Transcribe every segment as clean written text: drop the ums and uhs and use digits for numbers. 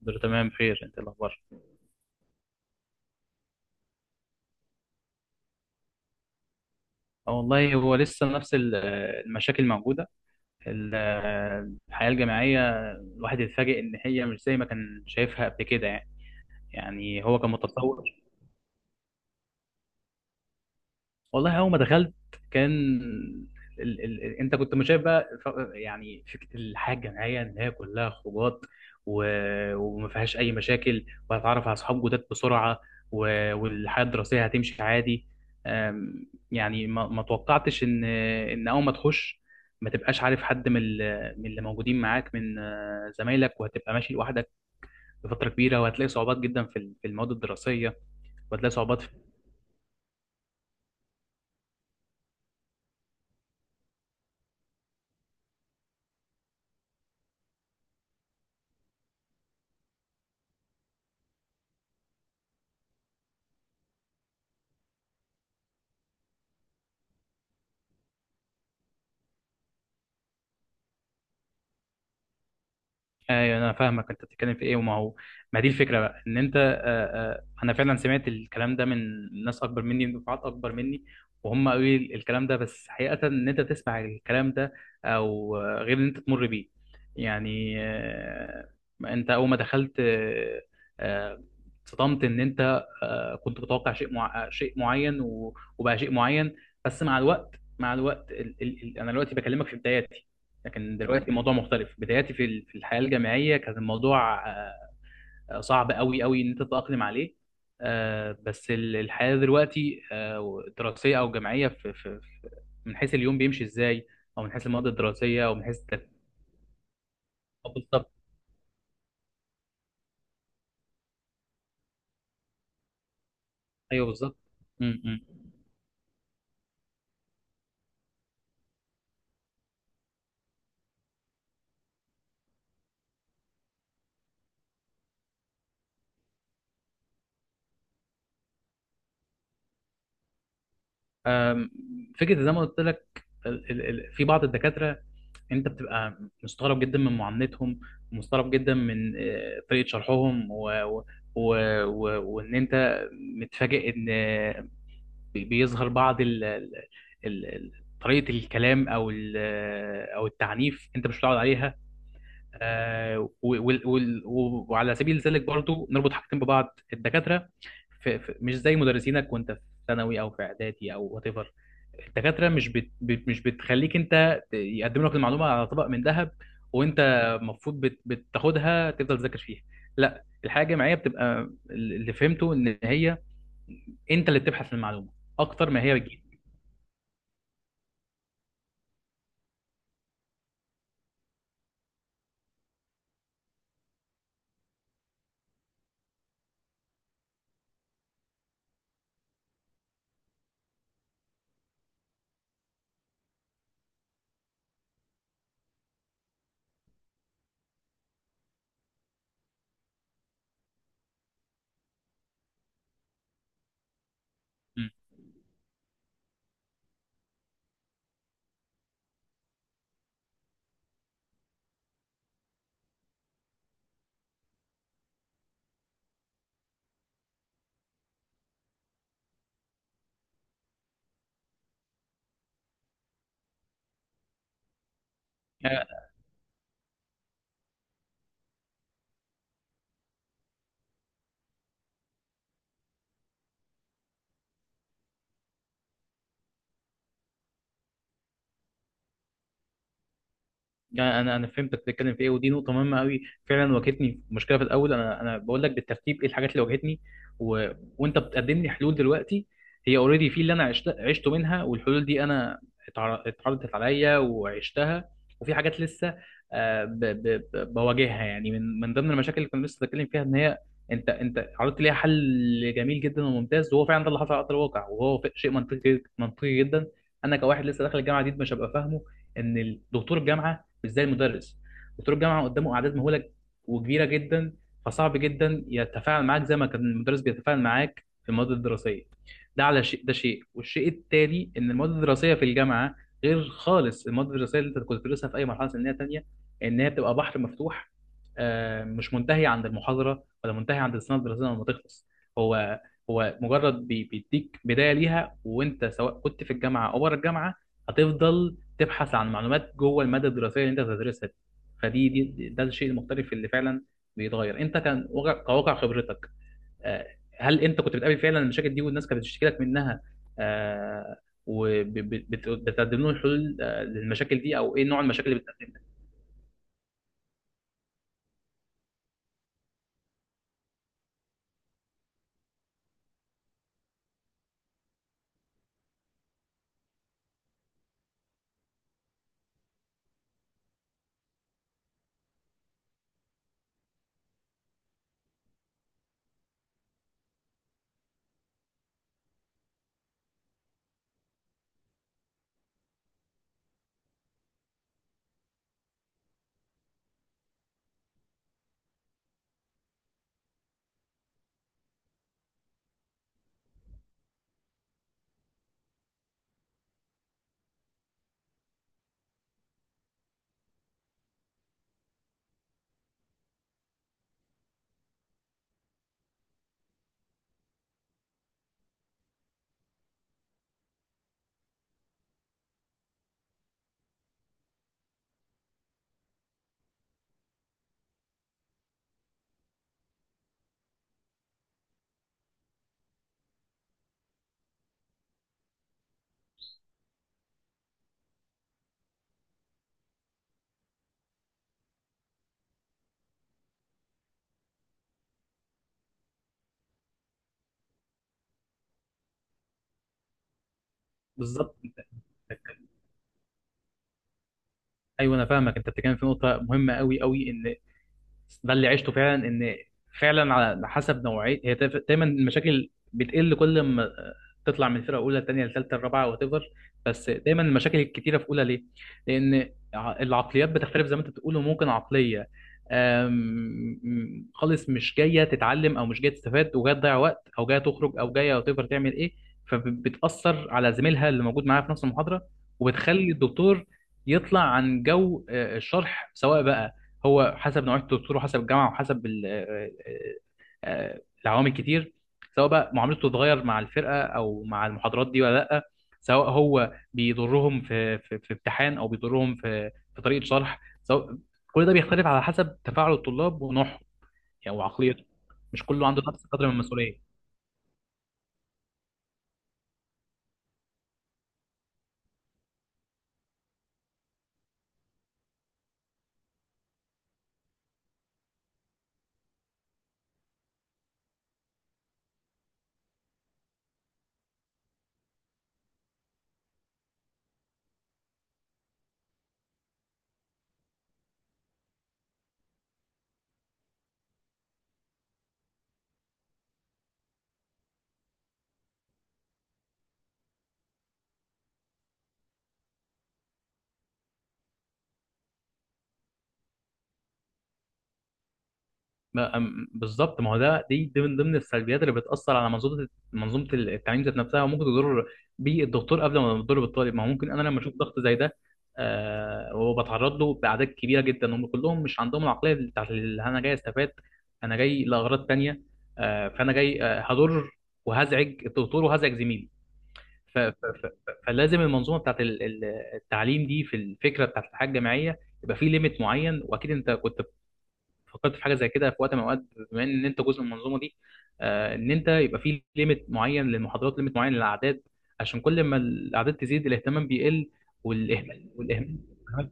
دول تمام بخير، انت إيه الاخبار؟ اه، والله هو لسه نفس المشاكل موجوده. ال- الحياه الجامعيه، الواحد يتفاجئ ان هي مش زي ما كان شايفها قبل كده، يعني. يعني هو كان متصور. والله اول ما دخلت كان انت كنت مش شايف بقى. يعني فكره الحياه الجامعيه ان هي كلها خروجات، و... وما فيهاش اي مشاكل، وهتعرف على اصحاب جداد بسرعه، و... والحياه الدراسيه هتمشي عادي. أم، يعني ما توقعتش ان اول ما تخش ما تبقاش عارف حد من من اللي موجودين معاك من زمايلك، وهتبقى ماشي لوحدك لفتره كبيره، وهتلاقي صعوبات جدا في في المواد الدراسيه، وهتلاقي صعوبات. ايوه، انا فاهمك، انت بتتكلم في ايه. وما هو ما دي الفكره بقى ان انت، انا فعلا سمعت الكلام ده من ناس اكبر مني، من دفعات اكبر مني، وهم قالوا لي الكلام ده. بس حقيقه، ان انت تسمع الكلام ده او غير ان انت تمر بيه. يعني انت اول ما دخلت آه، اتصدمت ان انت كنت متوقع شيء معين، وبقى شيء معين. بس مع الوقت، مع الوقت انا دلوقتي بكلمك في بداياتي. لكن دلوقتي الموضوع مختلف. بداياتي في في الحياة الجامعية كان الموضوع صعب قوي قوي ان انت تتأقلم عليه. بس الحياة دلوقتي دراسية او جامعية، من حيث اليوم بيمشي ازاي، او من حيث المواد الدراسية، او من حيث الترتيب. بالظبط. ايوه، بالظبط. م- م. آم، فكرة، زي ما قلت لك، في بعض الدكاترة انت بتبقى مستغرب جدا من معاملتهم، ومستغرب جدا من طريقة شرحهم، و... وان انت متفاجئ ان، بيظهر بعض ال... ال- طريقة الكلام، او ال... آه، او التعنيف انت مش متعود عليها. وعلى سبيل ذلك برضو نربط حاجتين، ببعض الدكاترة، مش زي مدرسينك وانت في ثانوي او في اعدادي او وات ايفر. الدكاترة مش بت بت- مش بتخليك انت، يقدموا لك المعلومة على طبق من ذهب. وانت المفروض بتاخدها، تفضل تذاكر فيها. لا، الحياة الجامعية بتبقى، اللي فهمته ان هي، انت اللي بتبحث عن المعلومة اكتر ما هي بتجيب. يعني انا فهمت بتتكلم في ايه، ودي نقطه مهمه قوي، فعلا واجهتني مشكله في الاول. انا بقول لك بالترتيب ايه الحاجات اللي واجهتني، و... وانت بتقدم لي حلول دلوقتي. هي اوريدي في اللي انا عشته منها، والحلول دي انا اتعرضت عليا وعشتها، وفي حاجات لسه آه، ب... ب... بواجهها، يعني من ضمن المشاكل اللي كنا لسه بنتكلم فيها ان هي، انت عرضت ليها حل جميل جدا وممتاز، وهو فعلا ده اللي حصل على ارض الواقع، وهو شيء منطقي منطقي جدا. انا كواحد لسه داخل الجامعه جديد مش هبقى فاهمه ان دكتور الجامعه مش زي المدرس. دكتور الجامعه قدامه اعداد مهوله وكبيره جدا، فصعب جدا يتفاعل معاك زي ما كان المدرس بيتفاعل معاك في المواد الدراسيه. ده على شيء، ده شيء، والشيء التالي ان المواد الدراسيه في الجامعه غير خالص المواد الدراسيه اللي انت كنت بتدرسها في اي مرحله سنيه تانيه، ان هي بتبقى بحر مفتوح، مش منتهي عند المحاضره ولا منتهي عند السنه الدراسيه لما تخلص. هو هو مجرد بيديك بدايه ليها، وانت سواء كنت في الجامعه او بره الجامعه هتفضل تبحث عن معلومات جوه الماده الدراسيه اللي انت بتدرسها دي. فدي دي ده الشيء المختلف اللي فعلا بيتغير، انت كان كواقع خبرتك. آه، هل انت كنت بتقابل فعلا المشاكل دي، والناس كانت بتشتكي لك منها، وبتقدم لهم حلول للمشاكل دي؟ او ايه نوع المشاكل اللي بتقدمها؟ بالظبط. ايوه انا فاهمك، انت بتتكلم في نقطه مهمه قوي قوي، ان ده اللي عشته فعلا، ان فعلا على حسب نوعيه هي، دايما المشاكل بتقل كل ما تطلع من فرقه اولى، ثانيه لثالثه، الرابعه، وات ايفر. بس دايما المشاكل الكتيره في اولى، ليه؟ لان العقليات بتختلف زي ما انت بتقول، وممكن عقليه آم، خالص مش جايه تتعلم، او مش جايه تستفاد وجايه تضيع وقت، او جايه تخرج، او جايه وات ايفر تعمل ايه. فبتاثر على زميلها اللي موجود معاها في نفس المحاضره، وبتخلي الدكتور يطلع عن جو الشرح، سواء بقى هو حسب نوعية الدكتور وحسب الجامعة وحسب العوامل كتير. سواء بقى معاملته تتغير مع الفرقة أو مع المحاضرات دي ولا لأ، سواء هو بيضرهم في امتحان، أو بيضرهم في طريقة شرح، سواء كل ده بيختلف على حسب تفاعل الطلاب ونوعهم، يعني وعقليته. مش كله عنده نفس القدر من المسؤولية. بالظبط. ما هو ده، دي من ضمن السلبيات اللي بتأثر على منظومة التعليم ذات نفسها، وممكن تضر بالدكتور قبل ما تضر بالطالب. ما هو ممكن انا لما اشوف ضغط زي ده، وبتعرض له بأعداد كبيرة جدا، هم كلهم مش عندهم العقلية بتاعت اللي انا جاي استفاد. انا جاي لأغراض تانية، فانا جاي هضر وهزعج الدكتور وهزعج زميلي. فلازم المنظومة بتاعت التعليم دي، في الفكرة بتاعت الحياة الجامعية، يبقى في ليميت معين. واكيد انت كنت فكرت في حاجه زي كده في وقت من الاوقات، بما ان انت جزء من المنظومه دي، ان انت يبقى في ليميت معين للمحاضرات، ليميت معين للاعداد، عشان كل ما الاعداد تزيد الاهتمام بيقل، والاهمال، والاهمال.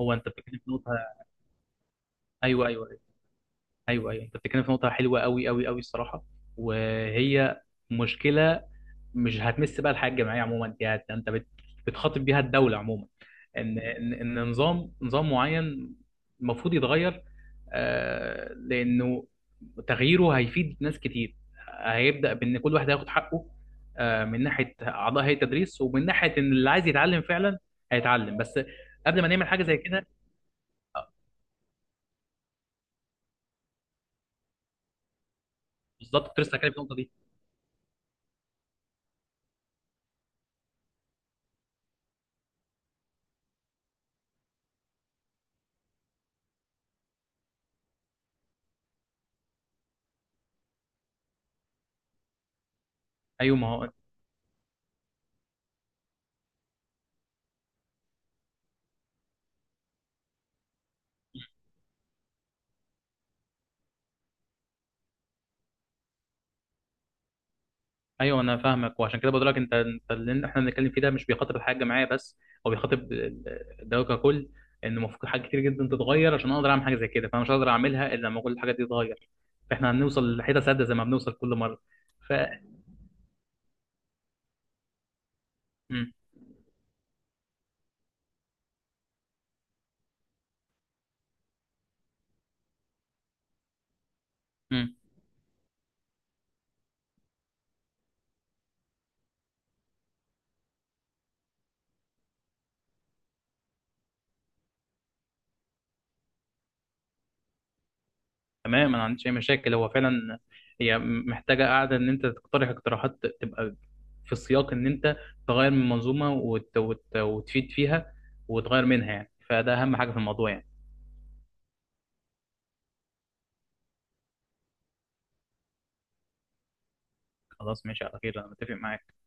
هو انت بتتكلم في نقطه، ايوه، ايوه، ايوه، ايوه، أيوه، انت بتتكلم في نقطه حلوه قوي قوي قوي، الصراحه. وهي مشكله مش هتمس بقى الحياه الجامعيه عموما. دي، انت بتخاطب بيها الدوله عموما، ان نظام معين المفروض يتغير، لانه تغييره هيفيد ناس كتير، هيبدا بان كل واحد هياخد حقه، من ناحيه اعضاء هيئه التدريس، ومن ناحيه ان اللي عايز يتعلم فعلا هيتعلم. بس قبل ما نعمل حاجه زي كده، آه، بالظبط، كنت لسه هتكلم في النقطه دي. ايوه، ما هو، ايوه انا فاهمك، وعشان كده بقول لك انت، اللي احنا بنتكلم فيه ده مش بيخاطب الحاجه معايا بس، هو بيخاطب الدوله ككل، ان المفروض حاجات كتير جدا تتغير عشان اقدر اعمل حاجه زي كده، فانا مش هقدر اعملها الا لما كل الحاجات دي تتغير، فاحنا هنوصل لحته سد زي ما بنوصل كل مره. ف م- م. تمام. انا ما عنديش اي مشاكل، هو فعلا هي محتاجه قاعده ان انت تقترح اقتراحات تبقى في السياق، ان انت تغير من منظومه وتفيد فيها، وتغير منها، يعني فده اهم حاجه في الموضوع، يعني. خلاص، ماشي على خير، انا متفق معاك.